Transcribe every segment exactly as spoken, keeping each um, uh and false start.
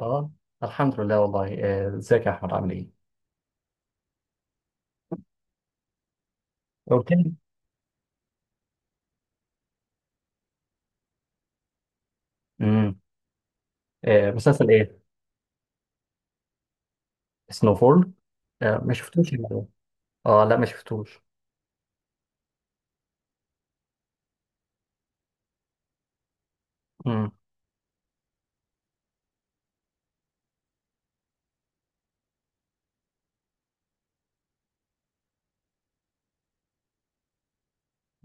اه الحمد لله والله آه، ازيك يا احمد عامل ايه؟ قلت لي. امم آه، مسلسل ايه؟ سنوفول. آه، ما شفتوش يعني. اه لا ما شفتوش. امم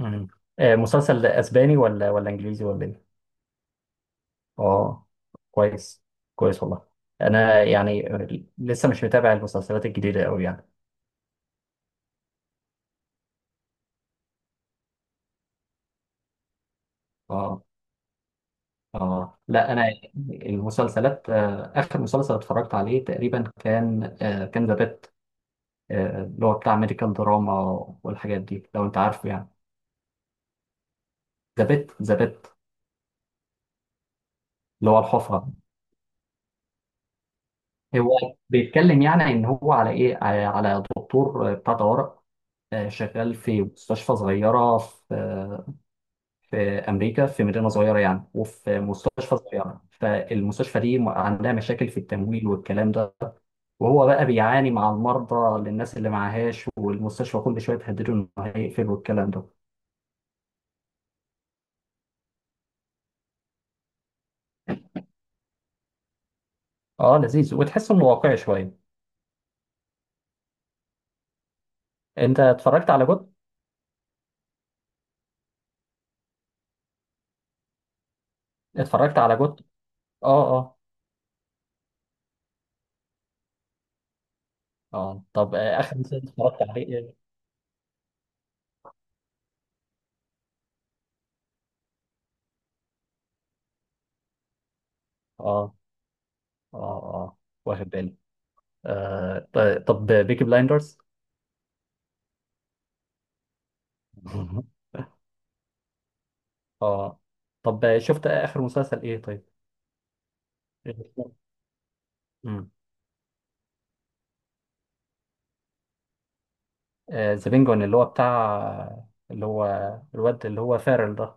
امم آه، مسلسل اسباني ولا ولا انجليزي ولا ايه؟ اه كويس، كويس والله. انا يعني لسه مش متابع المسلسلات الجديده قوي يعني. اه اه لا انا المسلسلات، آه، اخر مسلسل اتفرجت عليه تقريبا كان، آه، كان ذا بيت، آه، اللي هو بتاع ميديكال دراما والحاجات دي لو انت عارفه يعني. ذا بيت ذا بيت اللي هو الحفرة. هو بيتكلم يعني ان هو على ايه، على على دكتور، آه، بتاع طوارئ، آه، شغال في مستشفى صغيرة في آه، في امريكا، في مدينة صغيرة يعني، وفي مستشفى صغيرة. فالمستشفى دي م- عندها مشاكل في التمويل والكلام ده، وهو بقى بيعاني مع المرضى للناس اللي معهاش، والمستشفى كل شوية تهدده انه هيقفل والكلام ده. اه لذيذ وتحس انه واقعي شوية. انت اتفرجت على جوت؟ اتفرجت على جوت، اه اه. اه طب آه، اخر مسلسل اتفرجت عليه ايه؟ اه اه اه، واخد بالي. آه طيب- طب بيكي بلايندرز. اه طب شفت اخر مسلسل ايه طيب؟ امم، ذا بينجوين اللي هو بتاع اللي هو الواد اللي هو فارل ده.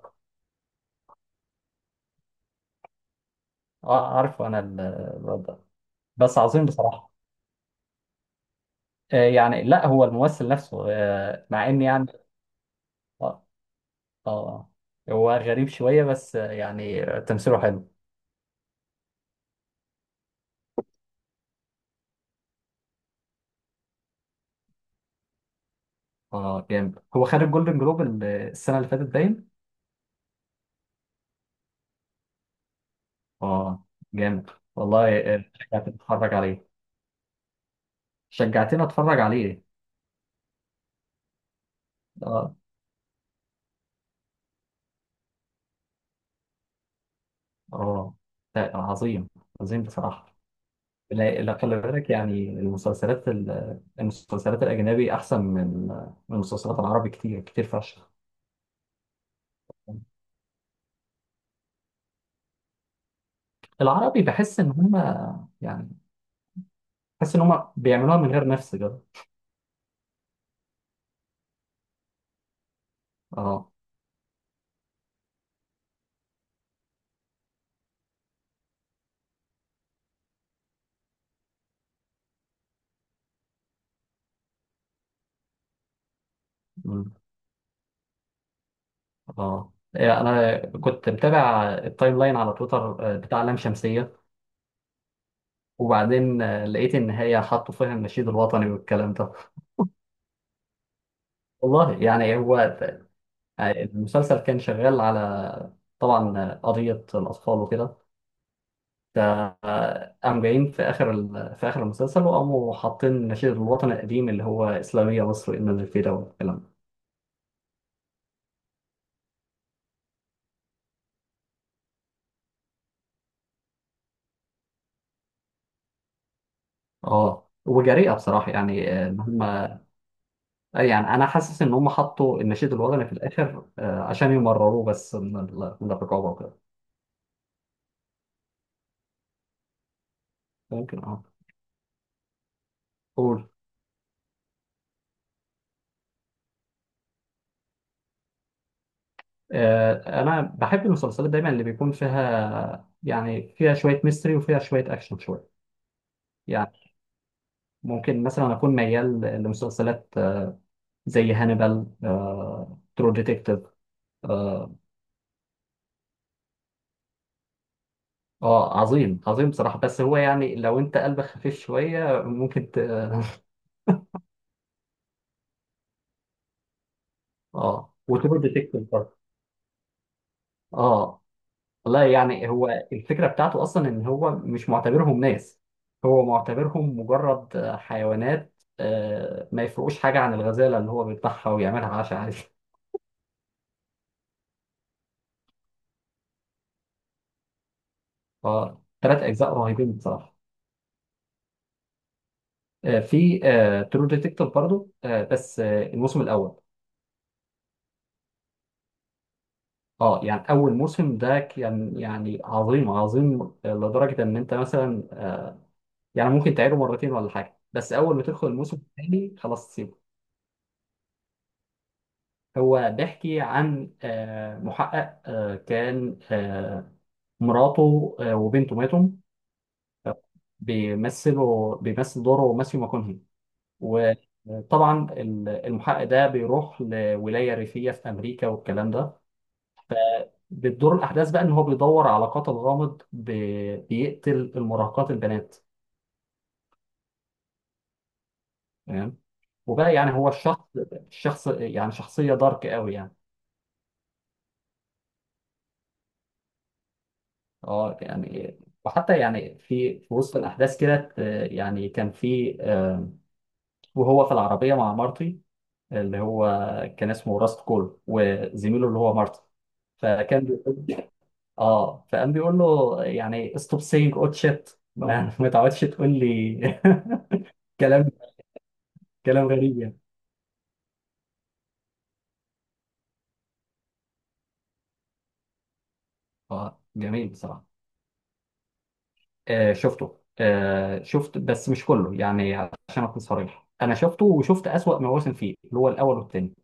اه عارفه انا ال- الواد ده. بس عظيم بصراحة. آه يعني لا هو الممثل نفسه آه، مع ان يعني، اه اه آه. هو غريب شوية بس، آه، يعني تمثيله حلو. اه جامد، هو خد الجولدن جلوب ال- السنة اللي فاتت باين. اه جامد والله. آه، شجعتني اتفرج عليه. شجعتني اتفرج عليه. اه اه، لا، عظيم، عظيم بصراحة. لا لا، خلي بالك يعني، المسلسلات ال- المسلسلات الأجنبي أحسن من من المسلسلات العربي كتير كتير فشخ. العربي بحس إن هما يعني، بحس إن هما بيعملوها من غير نفس كده. اه أمم، اه إيه، أنا كنت متابع التايم لاين على تويتر، آه، بتاع لام شمسية. وبعدين آه، لقيت ان هي حطوا فيها النشيد الوطني والكلام ده. والله يعني هو، يعني المسلسل كان شغال على، طبعا آه، قضية الأطفال وكده. فقام جايين في آخر ال- في آخر المسلسل، وقاموا حاطين النشيد الوطني القديم اللي هو إسلامية مصر إن الفدا والكلام ده. اه وجريئة بصراحة يعني، آه، إن هم آه، يعني أنا حاسس إن هم حطوا النشيد الوطني في الآخر، آه، عشان يمرروه بس من ال- من الرقابة وكده. ممكن اه. قول. آه، انا بحب المسلسلات دايما اللي بيكون فيها يعني، فيها شويه ميستري وفيها شويه اكشن شويه يعني. ممكن مثلا اكون ميال لمسلسلات، آه، زي هانيبال، ترو ديتكتيف، اه True Detective. آه، آه، عظيم، عظيم بصراحه، بس هو يعني لو انت قلبك خفيف شويه ممكن ت... اه. وترو ديتكتيف برضه. اه والله يعني هو، الفكرة بتاعته أصلا إن هو مش معتبرهم ناس، هو معتبرهم مجرد آه، حيوانات، آه، ما يفرقوش حاجة عن الغزالة اللي هو بيذبحها ويعملها عشاء عادي. فثلاث أجزاء رهيبين بصراحة. آه، في ترو ديتكتيف برضه، آه، بس آه، الموسم الأول. اه يعني أول موسم ده كان يعني عظيم، عظيم، آه، لدرجة إن أنت مثلا، يعني ممكن تعيده مرتين ولا حاجة، بس أول ما تدخل الموسم الثاني خلاص. هو بيحكي عن، آه، محقق، آه، كان آه، مراته آه، وبنته ماتوا. بيمثلوا بيمثل دوره ماثيو ماكونهي. وطبعا ال- المحقق ده بيروح لولاية ريفية في أمريكا والكلام ده. بتدور الأحداث بقى إن هو بيدور على قاتل غامض بي- بيقتل المراهقات البنات. تمام. وبقى يعني هو الشخص الشخص يعني، شخصية دارك قوي يعني. اه يعني وحتى يعني في في وسط الاحداث كده، آه، يعني كان في آه، وهو في العربيه مع مارتي اللي هو، كان اسمه راست كول، وزميله اللي هو مارتي. فكان بيقول اه، فقام بيقول له يعني، ستوب سينج اوت شيت، ما ما تعودش تقول لي. كلام كلام غريب يعني. اه جميل بصراحه. آه شفته، آه شفت بس مش كله يعني، عشان اكون صريح، انا شفته وشفت اسوأ مواسم فيه اللي هو الاول والثاني.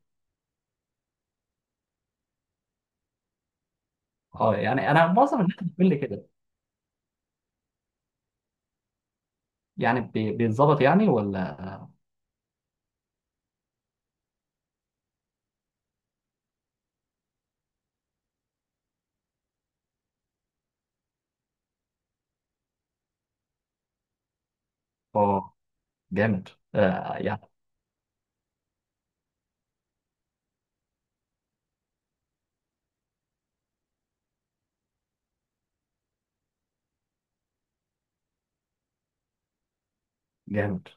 اه يعني انا معظم الناس بتقول لي كده، يعني بي- بيتظبط يعني ولا. اه جامد. آه يعني، جامد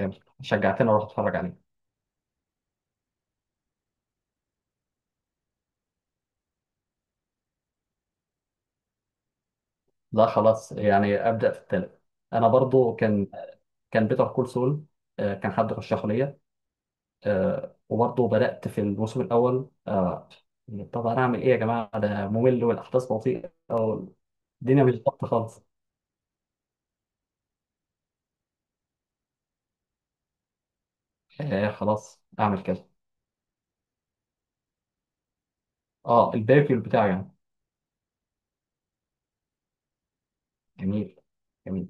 جامد، شجعتني اروح اتفرج عليه. لا خلاص يعني ابدا في التالت. انا برضو كان، كان بيتر كول سول. آه كان حد رشحه ليا. آه وبرضو بدات في الموسم الاول آه. طب انا اعمل ايه يا جماعه، ده ممل والاحداث بطيئه والدنيا مش ظابطه خالص. آه خلاص اعمل كده. اه الباكل بتاعي يعني. جميل، جميل.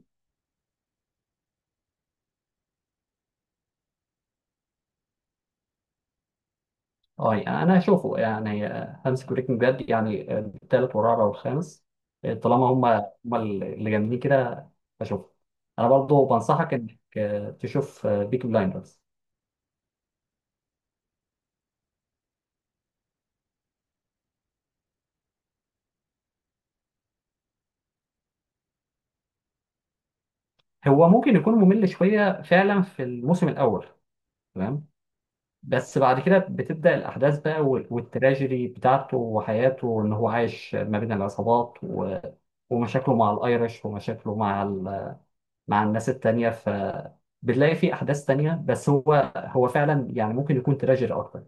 اه يعني انا اشوفه يعني، آه، هانز بريكنج باد يعني، آه، التالت والرابع والخامس، آه، طالما هم هم اللي جامدين كده بشوفه. انا برضو بنصحك انك، آه، تشوف بيك بلايندرز. هو ممكن يكون ممل شويه فعلا في الموسم الاول. تمام. بس بعد كده بتبدا الاحداث بقى وال- والتراجيدي بتاعته، وحياته ان هو عايش ما بين العصابات و- ومشاكله مع الايرش، ومشاكله مع مع الناس التانية. ف بتلاقي في أحداث تانية، بس هو هو فعلا يعني ممكن يكون تراجيدي أكتر.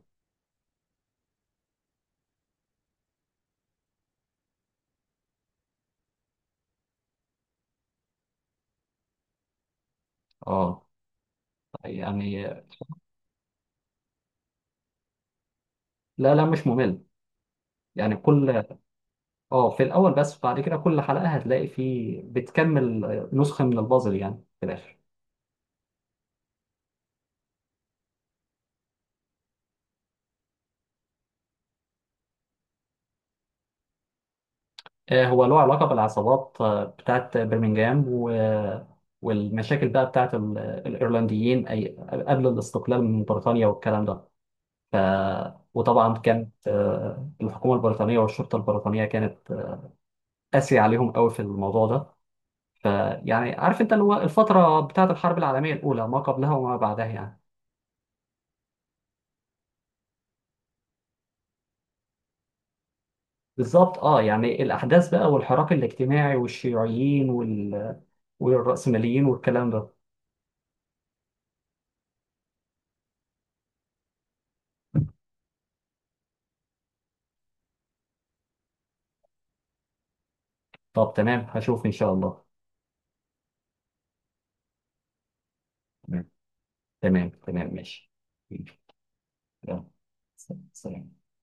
اه يعني لا لا مش ممل. يعني كل، اه في الأول بس، بعد كده كل حلقة هتلاقي في بتكمل نسخة من البازل يعني في الآخر. آه، هو له علاقة بالعصابات، آه، بتاعت برمنجهام و... والمشاكل بقى بتاعت ال- الإيرلنديين، أي قبل الاستقلال من بريطانيا والكلام ده. ف... وطبعا كانت، آه، الحكومة البريطانية والشرطة البريطانية كانت قاسي عليهم قوي في الموضوع ده. فيعني عارف انت اللي هو الفتره بتاعه الحرب العالميه الاولى ما قبلها وما بعدها يعني. بالظبط. اه يعني الاحداث بقى والحراك الاجتماعي والشيوعيين وال... والرأسماليين والكلام ده. طب تمام هشوف ان شاء الله. تمام، تمام تمام ماشي. يلا، سلام.